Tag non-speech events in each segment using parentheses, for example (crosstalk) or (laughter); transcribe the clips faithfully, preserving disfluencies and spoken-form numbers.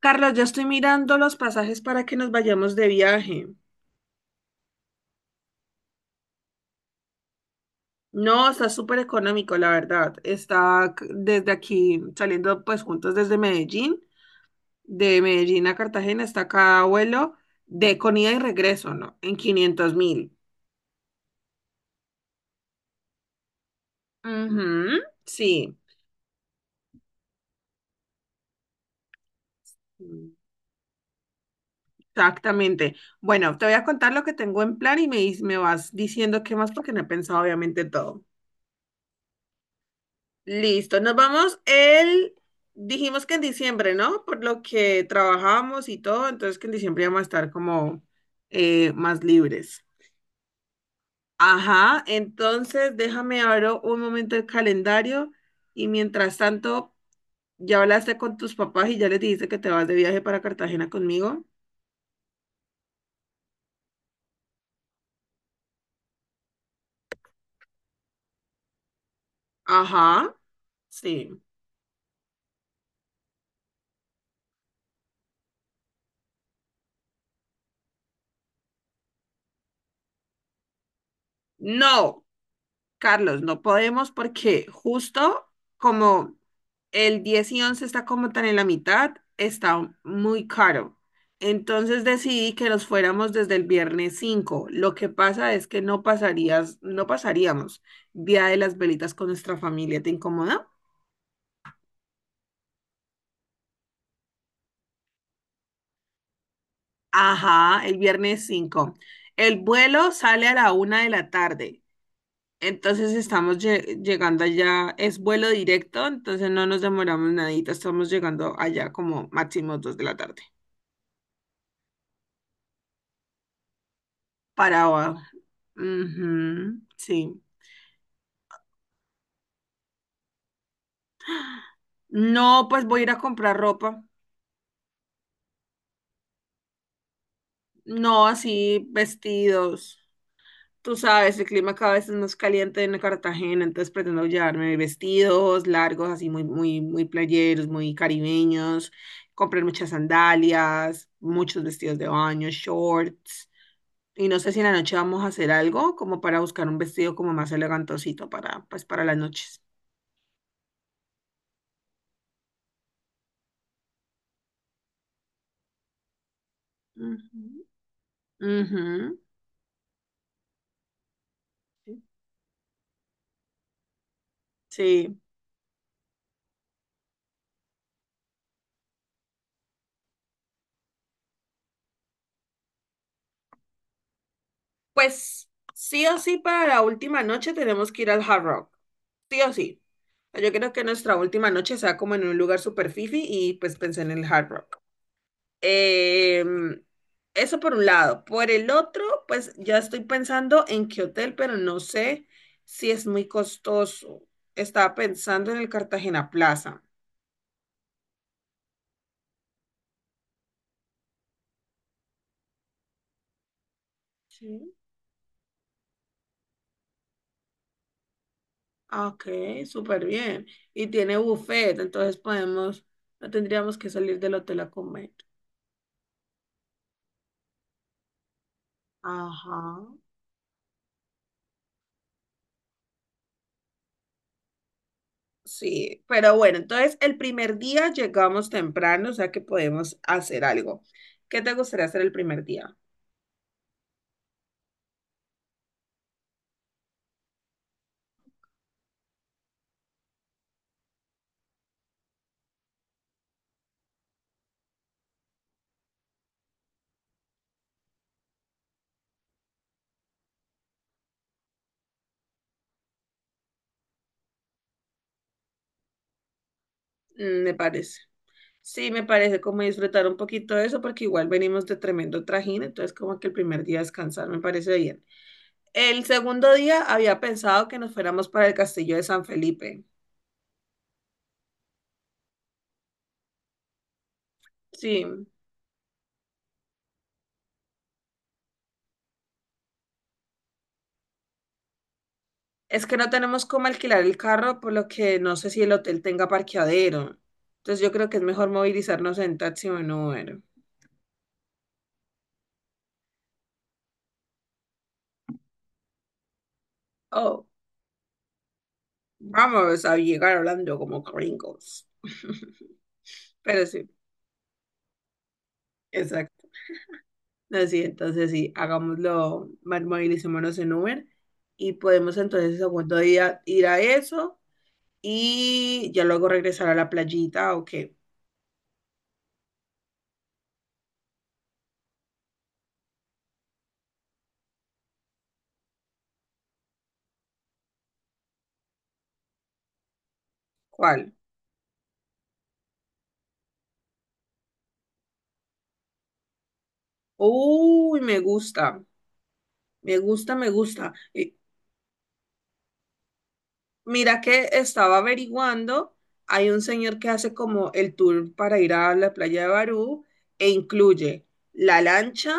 Carlos, ya estoy mirando los pasajes para que nos vayamos de viaje. No, está súper económico, la verdad. Está c- desde aquí, saliendo pues juntos desde Medellín, de Medellín a Cartagena, está cada vuelo de con ida y regreso, ¿no? En quinientos mil. Ujú, sí, exactamente. Bueno, te voy a contar lo que tengo en plan y me, dis- me vas diciendo qué más porque no he pensado obviamente en todo. Listo, nos vamos el, dijimos que en diciembre, ¿no? Por lo que trabajamos y todo, entonces que en diciembre vamos a estar como eh, más libres. Ajá, entonces déjame abro un momento el calendario y mientras tanto, ya hablaste con tus papás y ya les dijiste que te vas de viaje para Cartagena conmigo. Ajá, sí. No, Carlos, no podemos porque justo como el diez y once está como tan en la mitad, está muy caro. Entonces decidí que nos fuéramos desde el viernes cinco. Lo que pasa es que no pasarías, no pasaríamos Día de las Velitas con nuestra familia. ¿Te incomoda? Ajá, el viernes cinco. El vuelo sale a la una de la tarde. Entonces estamos lle- llegando allá, es vuelo directo, entonces no nos demoramos nadita, estamos llegando allá como máximo dos de la tarde. Para, abajo. Ujú, sí. No, pues voy a ir a comprar ropa. No así vestidos. Tú sabes, el clima cada vez es más caliente en Cartagena, entonces pretendo llevarme vestidos largos, así muy, muy, muy playeros, muy caribeños, comprar muchas sandalias, muchos vestidos de baño, shorts. Y no sé si en la noche vamos a hacer algo como para buscar un vestido como más elegantosito para, pues, para las noches. Ujú. Ujú. Sí. Pues sí o sí para la última noche tenemos que ir al Hard Rock. Sí o sí. Yo creo que nuestra última noche sea como en un lugar super fifi y pues pensé en el Hard Rock. Em, eso por un lado. Por el otro, pues ya estoy pensando en qué hotel, pero no sé si es muy costoso. Estaba pensando en el Cartagena Plaza. Sí. Ah, ok, súper bien. Y tiene buffet, entonces podemos, no tendríamos que salir del hotel a comer. Ajá. Sí, pero bueno, entonces el primer día llegamos temprano, o sea que podemos hacer algo. ¿Qué te gustaría hacer el primer día? Mm, me parece. Sí, me parece como disfrutar un poquito de eso, porque igual venimos de tremendo trajín, entonces como que el primer día descansar me parece bien. El segundo día había pensado que nos fuéramos para el castillo de San Felipe. Sí, es que no tenemos cómo alquilar el carro, por lo que no sé si el hotel tenga parqueadero. Entonces yo creo que es mejor movilizarnos en taxi o en Uber. Oh, vamos a llegar hablando como gringos. (laughs) Pero sí, exacto. No, sí, entonces sí, hagámoslo, ma- movilicémonos en Uber y podemos entonces el segundo día ir a eso y ya luego regresar a la playita o qué. ¿Cuál? Uy, me gusta, me gusta, me gusta. Y mira que estaba averiguando, hay un señor que hace como el tour para ir a la playa de Barú e incluye la lancha,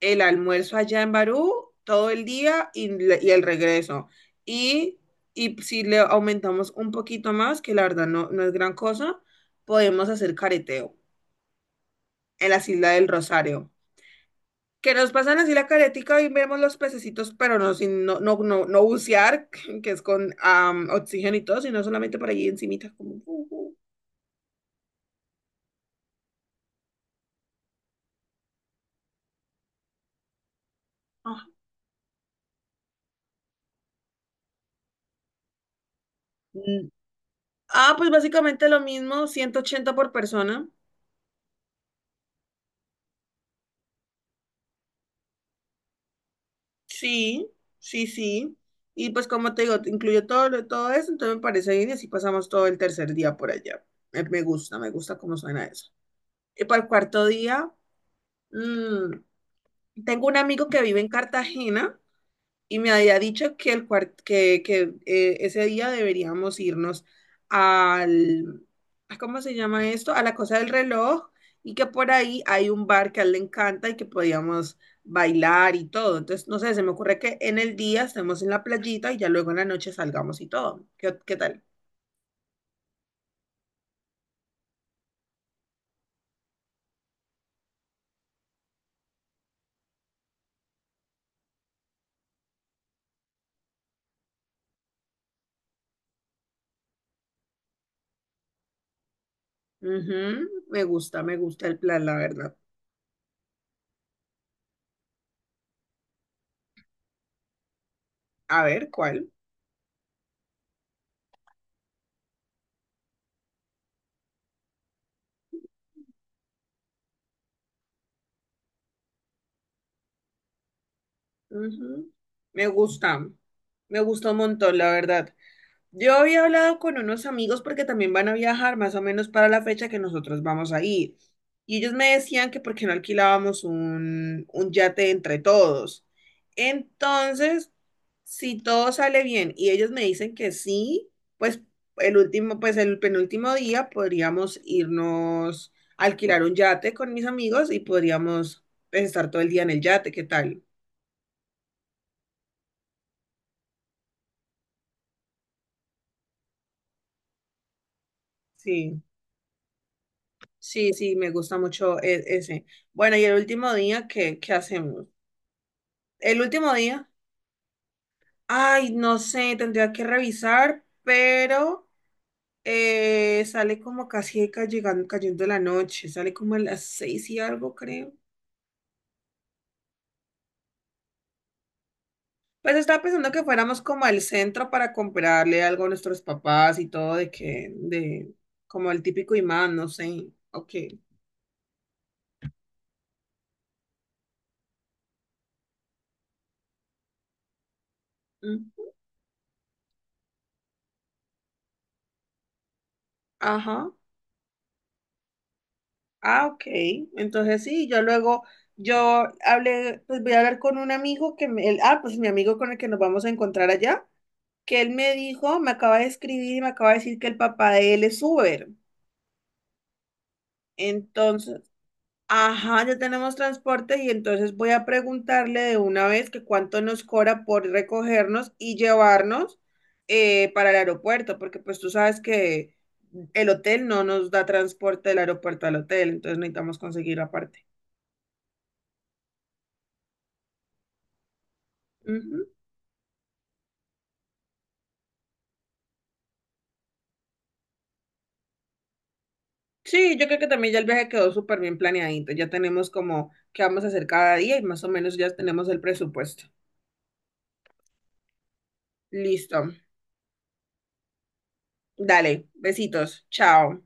el almuerzo allá en Barú, todo el día y, le- y el regreso. Y, y si le aumentamos un poquito más, que la verdad no, no es gran cosa, podemos hacer careteo en las Islas del Rosario. Que nos pasan así la caretica y vemos los pececitos, pero no, sin, no, no, no, no bucear, (laughs) que es con am, oxígeno y todo, sino solamente por allí encimita, como... uh, uh, ah. Mm. Ah, pues básicamente lo mismo, ciento ochenta por persona. Sí, sí, sí. Y pues como te digo, te incluyo todo, lo- todo eso, entonces me parece bien y así pasamos todo el tercer día por allá. Eh, Me gusta, me gusta cómo suena eso. Y para el cuarto día, mm, tengo un amigo que vive en Cartagena y me había dicho que, el cuart- que, que, eh, ese día deberíamos irnos al, ¿a ¿cómo se llama esto? A la cosa del reloj y que por ahí hay un bar que a él le encanta y que podíamos bailar y todo. Entonces, no sé, se me ocurre que en el día estemos en la playita y ya luego en la noche salgamos y todo. ¿Qué, qué tal? Ujú, me gusta, me gusta el plan, la verdad. A ver, ¿cuál? Ujú, me gusta, me gusta un montón, la verdad. Yo había hablado con unos amigos porque también van a viajar más o menos para la fecha que nosotros vamos a ir. Y ellos me decían que por qué no alquilábamos un, un yate entre todos. Entonces, si todo sale bien y ellos me dicen que sí, pues el último, pues el penúltimo día podríamos irnos a alquilar un yate con mis amigos y podríamos pues, estar todo el día en el yate. ¿Qué tal? Sí. Sí, sí, me gusta mucho e- ese. Bueno, y el último día, ¿qué, qué hacemos? El último día, ay, no sé, tendría que revisar, pero eh, sale como casi ca- llegando, cayendo la noche, sale como a las seis y algo, creo. Pues estaba pensando que fuéramos como al centro para comprarle algo a nuestros papás y todo, de que, de, como el típico imán, no sé, ok. Mm, ajá. Ah, ok. Entonces sí, yo luego, yo hablé, pues voy a hablar con un amigo que me, él- ah, pues mi amigo con el que nos vamos a encontrar allá, que él me dijo, me acaba de escribir y me acaba de decir que el papá de él es Uber. Entonces, ajá, ya tenemos transporte y entonces voy a preguntarle de una vez que cuánto nos cobra por recogernos y llevarnos eh, para el aeropuerto, porque pues tú sabes que el hotel no nos da transporte del aeropuerto al hotel, entonces necesitamos conseguir aparte. Ujú. Sí, yo creo que también ya el viaje quedó súper bien planeadito. Ya tenemos como qué vamos a hacer cada día y más o menos ya tenemos el presupuesto. Listo. Dale, besitos. Chao.